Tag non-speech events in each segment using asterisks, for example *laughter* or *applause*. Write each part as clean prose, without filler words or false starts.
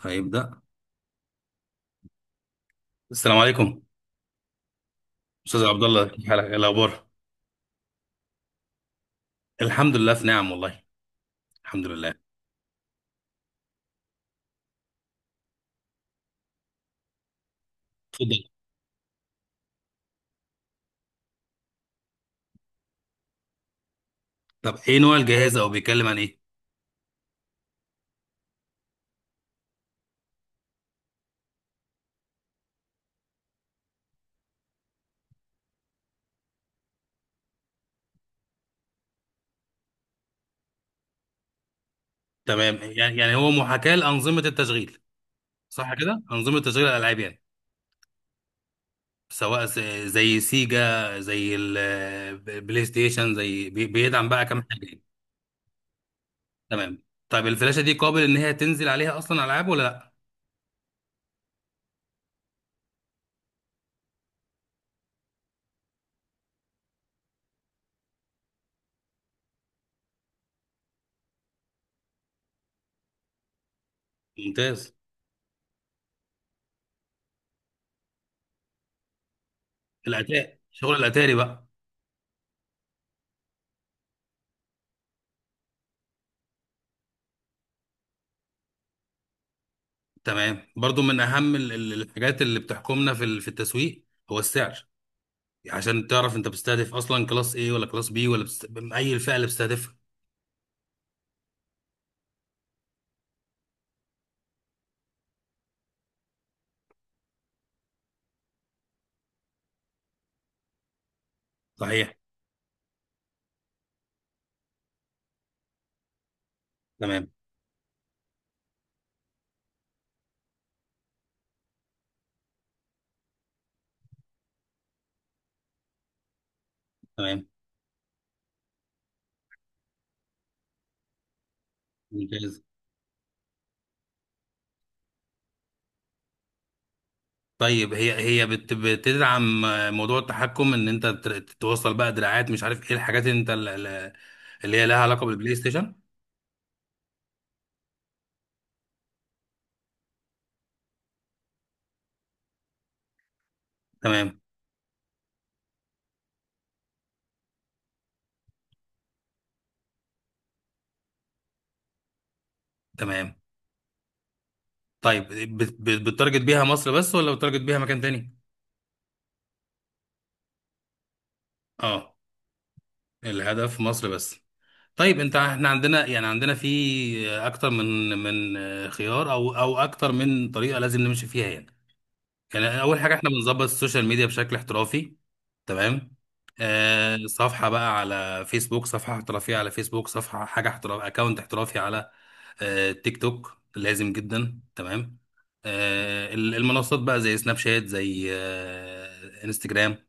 هيبدأ. السلام عليكم. استاذ عبد الله، كيف حالك؟ إيه الاخبار؟ الحمد لله في نعم والله. الحمد لله. اتفضل. طب ايه نوع الجهاز او بيتكلم عن ايه؟ تمام، يعني هو محاكاه لانظمه التشغيل. صح كده، انظمه تشغيل الالعاب يعني. سواء زي سيجا زي البلاي ستيشن زي بيدعم بقى كام حاجه يعني. تمام. طيب الفلاشه دي قابل ان هي تنزل عليها اصلا العاب ولا لا؟ ممتاز. الاتاري، شغل الاتاري بقى. تمام. برضو من اهم الحاجات اللي بتحكمنا في في التسويق هو السعر. يعني عشان تعرف انت بتستهدف اصلا كلاس ايه ولا كلاس بي اي الفئه اللي بتستهدفها؟ صحيح. تمام. تمام. ممتاز. طيب هي بتدعم موضوع التحكم ان انت توصل بقى دراعات، مش عارف ايه الحاجات اللي انت اللي هي لها علاقه بالبلاي ستيشن. تمام. تمام. طيب بتتارجت بيها مصر بس ولا بتتارجت بيها مكان تاني؟ اه، الهدف مصر بس. طيب انت، احنا عندنا، يعني عندنا في اكتر من خيار او اكتر من طريقه لازم نمشي فيها يعني. يعني اول حاجه احنا بنظبط السوشيال ميديا بشكل احترافي. تمام. آه، صفحه بقى على فيسبوك، صفحه احترافيه على فيسبوك، صفحه حاجه احتراف، اكونت احترافي على آه تيك توك لازم جدا. تمام. آه المنصات بقى زي سناب شات، زي آه انستجرام.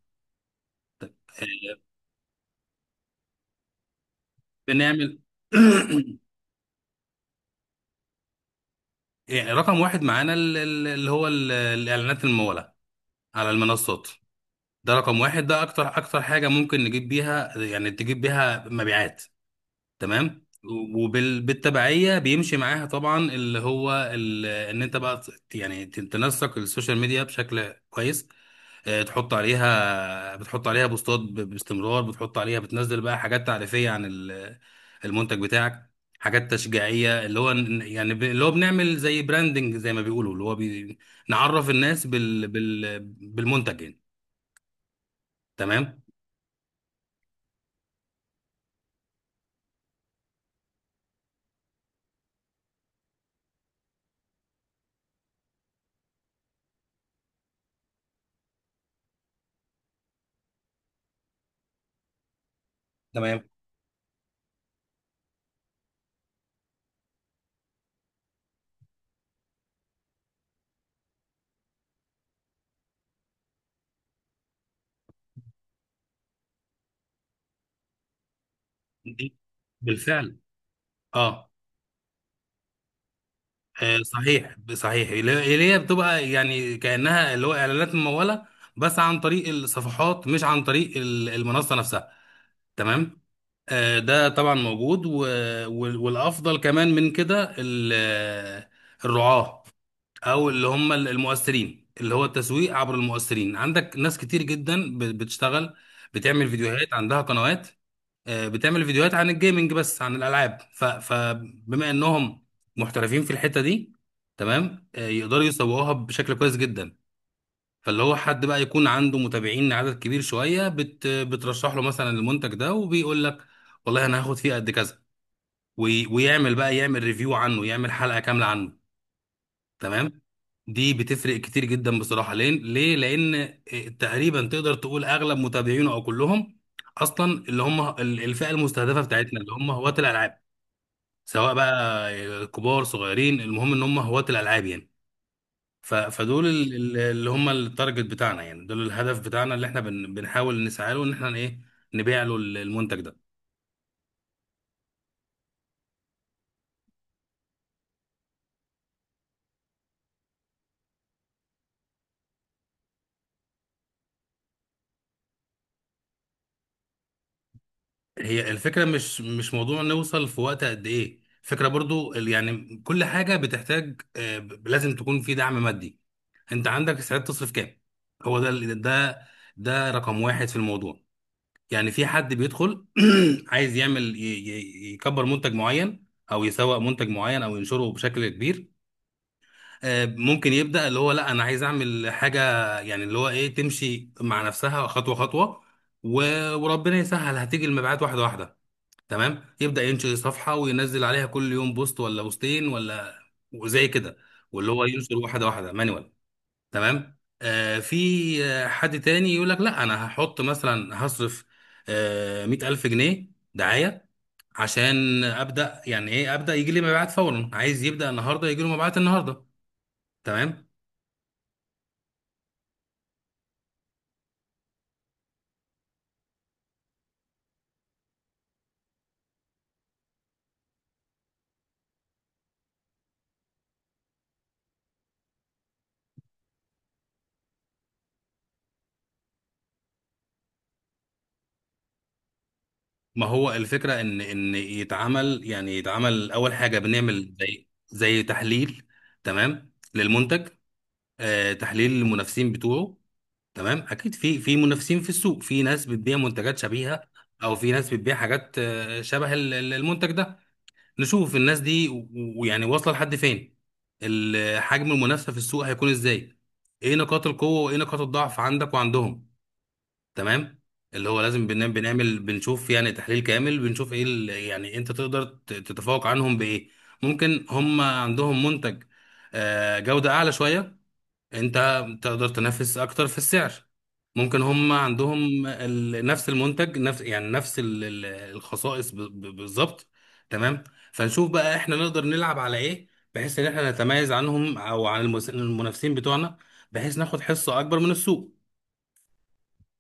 آه، بنعمل *clears throat* يعني رقم واحد معانا اللي هو الإعلانات الممولة على المنصات. ده رقم واحد، ده أكتر أكتر حاجة ممكن نجيب بيها، يعني تجيب بيها مبيعات. تمام. وبالتبعية بيمشي معاها طبعا اللي هو إن أنت بقى يعني تنسق السوشيال ميديا بشكل كويس. آه، تحط عليها بتحط عليها بوستات باستمرار، بتحط عليها، بتنزل بقى حاجات تعريفية عن المنتج بتاعك، حاجات تشجيعية اللي هو يعني اللي هو بنعمل زي براندنج زي ما بيقولوا اللي هو نعرف الناس بالمنتج يعني. تمام. تمام. بالفعل. اه. صحيح، اللي هي بتبقى يعني كأنها اللي هو اعلانات ممولة بس عن طريق الصفحات مش عن طريق المنصة نفسها. تمام. ده طبعا موجود. والافضل كمان من كده الرعاة او اللي هم المؤثرين، اللي هو التسويق عبر المؤثرين. عندك ناس كتير جدا بتشتغل، بتعمل فيديوهات، عندها قنوات، بتعمل فيديوهات عن الجيمنج بس، عن الالعاب. فبما انهم محترفين في الحتة دي، تمام، يقدروا يسوقوها بشكل كويس جدا. فاللي هو حد بقى يكون عنده متابعين عدد كبير شوية بترشح له مثلا المنتج ده، وبيقول لك والله انا هاخد فيه قد كذا، ويعمل بقى يعمل ريفيو عنه، يعمل حلقة كاملة عنه. تمام. دي بتفرق كتير جدا بصراحة. ليه؟ لان آه، تقريبا تقدر تقول اغلب متابعينه او كلهم اصلا اللي هم الفئة المستهدفة بتاعتنا، اللي هم هواة الالعاب. سواء بقى كبار صغيرين، المهم ان هم هواة الالعاب يعني. فدول اللي هم التارجت بتاعنا، يعني دول الهدف بتاعنا اللي احنا بنحاول نسعى له ان احنا ايه، نبيع له المنتج ده. هي الفكره مش موضوع نوصل في وقت قد ايه. فكره برضو يعني كل حاجه بتحتاج آه، لازم تكون في دعم مادي. انت عندك استعداد تصرف كام؟ هو ده ده ده رقم واحد في الموضوع. يعني في حد بيدخل *clears throat* عايز يعمل يكبر منتج معين او يسوق منتج معين او ينشره بشكل كبير. ممكن يبدأ اللي هو لا انا عايز اعمل حاجة، يعني اللي هو ايه، تمشي مع نفسها خطوة خطوة. وربنا يسهل، هتيجي المبيعات واحدة واحدة. تمام. يبدأ ينشئ صفحة وينزل عليها كل يوم بوست ولا بوستين ولا وزي كده، واللي هو ينشر واحدة واحدة مانوال. تمام. آه في آه، حد تاني يقول لك لا انا هحط مثلا هصرف آه 100,000 جنيه دعاية عشان ابدا، يعني ايه ابدا، يجي لي مبيعات فورا، عايز يبدا النهارده يجي له مبيعات النهارده. تمام. ما هو الفكرة إن يتعمل، يعني يتعمل أول حاجة، بنعمل زي تحليل تمام للمنتج، آه تحليل للمنافسين بتوعه. تمام، أكيد في منافسين في السوق، في ناس بتبيع منتجات شبيهة أو في ناس بتبيع حاجات آه، شبه المنتج ده. نشوف الناس دي ويعني واصلة لحد فين، حجم المنافسة في السوق هيكون إزاي، إيه نقاط القوة وإيه نقاط الضعف عندك وعندهم. تمام. اللي هو لازم بنعمل بنشوف يعني تحليل كامل، بنشوف ايه يعني انت تقدر تتفوق عنهم بايه. ممكن هم عندهم منتج آه، جودة اعلى شوية، انت تقدر تنافس اكتر في السعر. ممكن هم عندهم نفس المنتج، نفس يعني نفس الخصائص بالظبط. تمام. فنشوف بقى احنا نقدر نلعب على ايه بحيث ان احنا نتميز عنهم او عن المنافسين بتوعنا، بحيث ناخد حصة اكبر من السوق.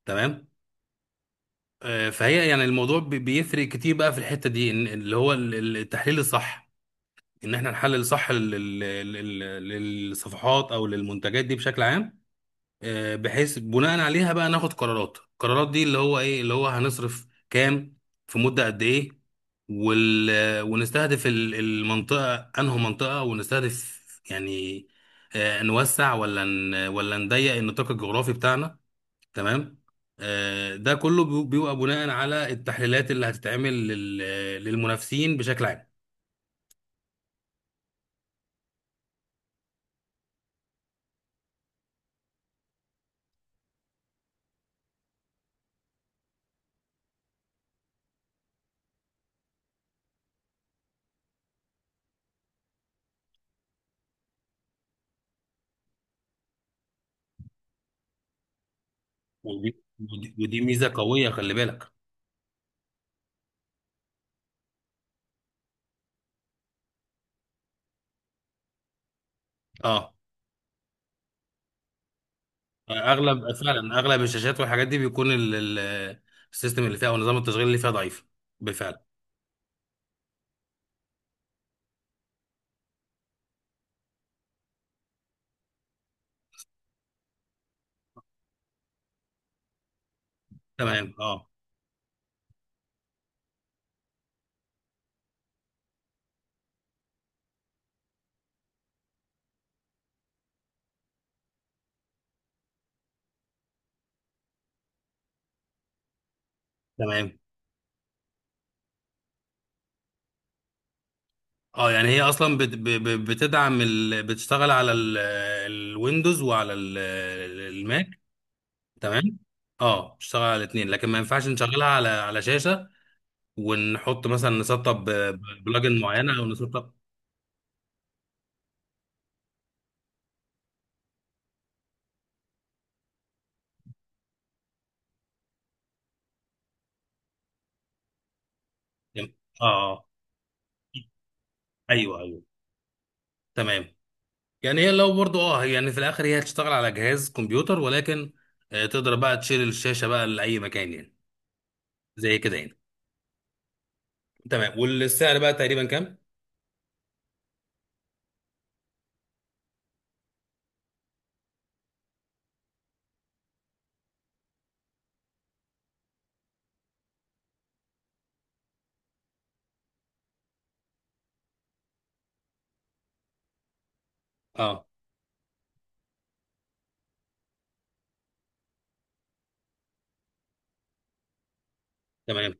تمام. فهي يعني الموضوع بيفرق كتير بقى في الحتة دي، اللي هو التحليل الصح، ان احنا نحلل صح للصفحات او للمنتجات دي بشكل عام. بحيث بناء عليها بقى ناخد قرارات، القرارات دي اللي هو ايه، اللي هو هنصرف كام في مدة قد ايه، وال ونستهدف المنطقة انه منطقة، ونستهدف يعني آه، نوسع ولا ولا نضيق النطاق الجغرافي بتاعنا. تمام. ده كله بيبقى بناء على التحليلات اللي هتتعمل للمنافسين بشكل عام. ودي ودي ودي ميزه قويه، خلي بالك. اه، اغلب فعلا اغلب الشاشات والحاجات دي بيكون السيستم اللي فيها او نظام التشغيل اللي فيها ضعيف. بالفعل. تمام. اه. تمام. اه يعني هي اصلا بتدعم بتشتغل على الويندوز وعلى الماك. تمام. اه بتشتغل على الاثنين، لكن ما ينفعش نشغلها على على شاشه ونحط مثلا نسطب بلجن معينه او نسطب. اه آه. ايوه ايوه. تمام. يعني هي لو برضو اه يعني في الاخر هي هتشتغل على جهاز كمبيوتر، ولكن آه، تقدر بقى تشيل الشاشه بقى لاي مكان يعني، زي كده يعني. تمام. والسعر بقى تقريبا كام؟ اه. تمام.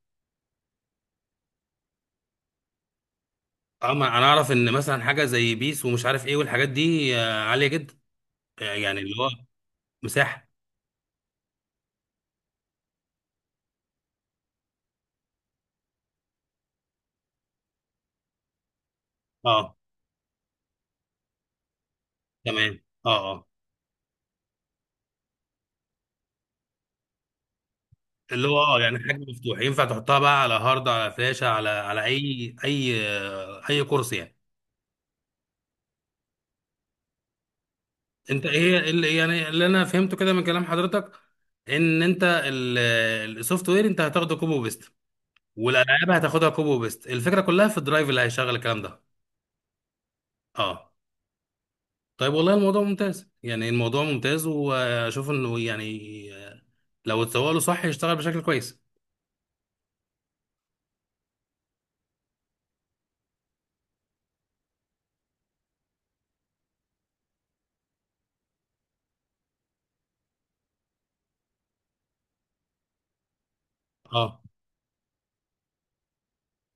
اه، ما انا اعرف ان مثلا حاجه زي بيس ومش عارف ايه والحاجات دي آه، عاليه جدا. آه، يعني اللي هو مساحه. اه. تمام. اه اه. اللي هو اه يعني حجم مفتوح، ينفع تحطها بقى على هارد على فلاشه على على اي اي اي كورس يعني. انت ايه اللي يعني اللي انا فهمته كده من كلام حضرتك ان انت السوفت وير انت هتاخده كوبي وبيست، والالعاب هتاخدها كوبي وبيست، الفكره كلها في الدرايف اللي هيشغل الكلام ده. اه. طيب والله الموضوع ممتاز، يعني الموضوع ممتاز واشوف انه يعني آه، لو اتسوق له صح يشتغل بشكل كويس. اه.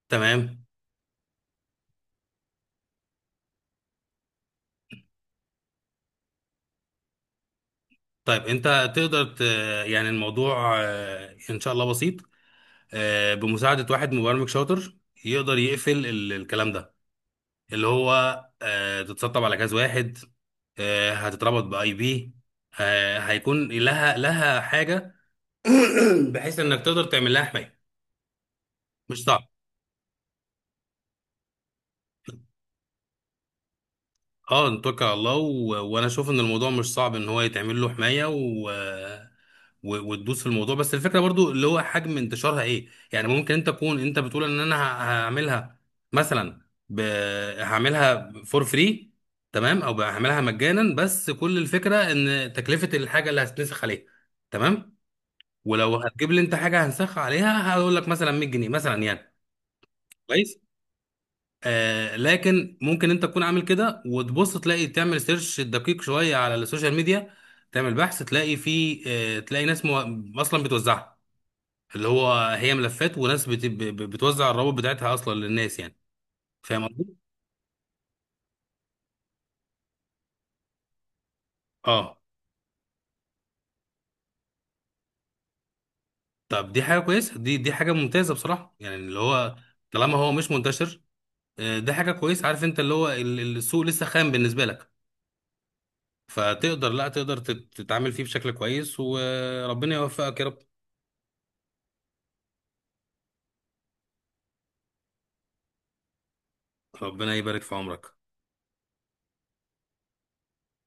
تمام. طيب انت تقدر يعني الموضوع آه، ان شاء الله بسيط. آه، بمساعده واحد مبرمج شاطر يقدر يقفل الكلام ده، اللي هو آه، تتسطب على جهاز واحد، آه، هتتربط باي بي، آه، هيكون لها حاجه *coughs* *clears throat* بحيث انك تقدر تعمل لها حمايه. مش صعب. اه نتوكل على الله. وانا اشوف ان الموضوع مش صعب ان هو يتعمل له حمايه. وتدوس في الموضوع، بس الفكره برضو اللي هو حجم انتشارها ايه، يعني ممكن انت تكون انت بتقول ان انا هعملها مثلا ب... هعملها فور فري تمام، او هعملها مجانا، بس كل الفكره ان تكلفه الحاجه اللي هتنسخ عليها تمام، ولو هتجيب لي انت حاجه هنسخها عليها هقول لك مثلا 100 جنيه مثلا يعني. كويس. آه، لكن ممكن انت تكون عامل كده وتبص تلاقي، تعمل سيرش دقيق شويه على السوشيال ميديا، تعمل بحث تلاقي في آه تلاقي ناس اصلا بتوزعها، اللي هو هي ملفات وناس بتوزع الروابط بتاعتها اصلا للناس يعني. فاهم قصدي؟ اه. طب دي حاجه كويسه، دي حاجه ممتازه بصراحه، يعني اللي هو طالما هو مش منتشر آه ده حاجه كويسه، عارف انت اللي هو السوق لسه خام بالنسبه لك. فتقدر، لا تقدر تتعامل فيه بشكل كويس، وربنا يوفقك يا رب. ربنا يبارك في عمرك.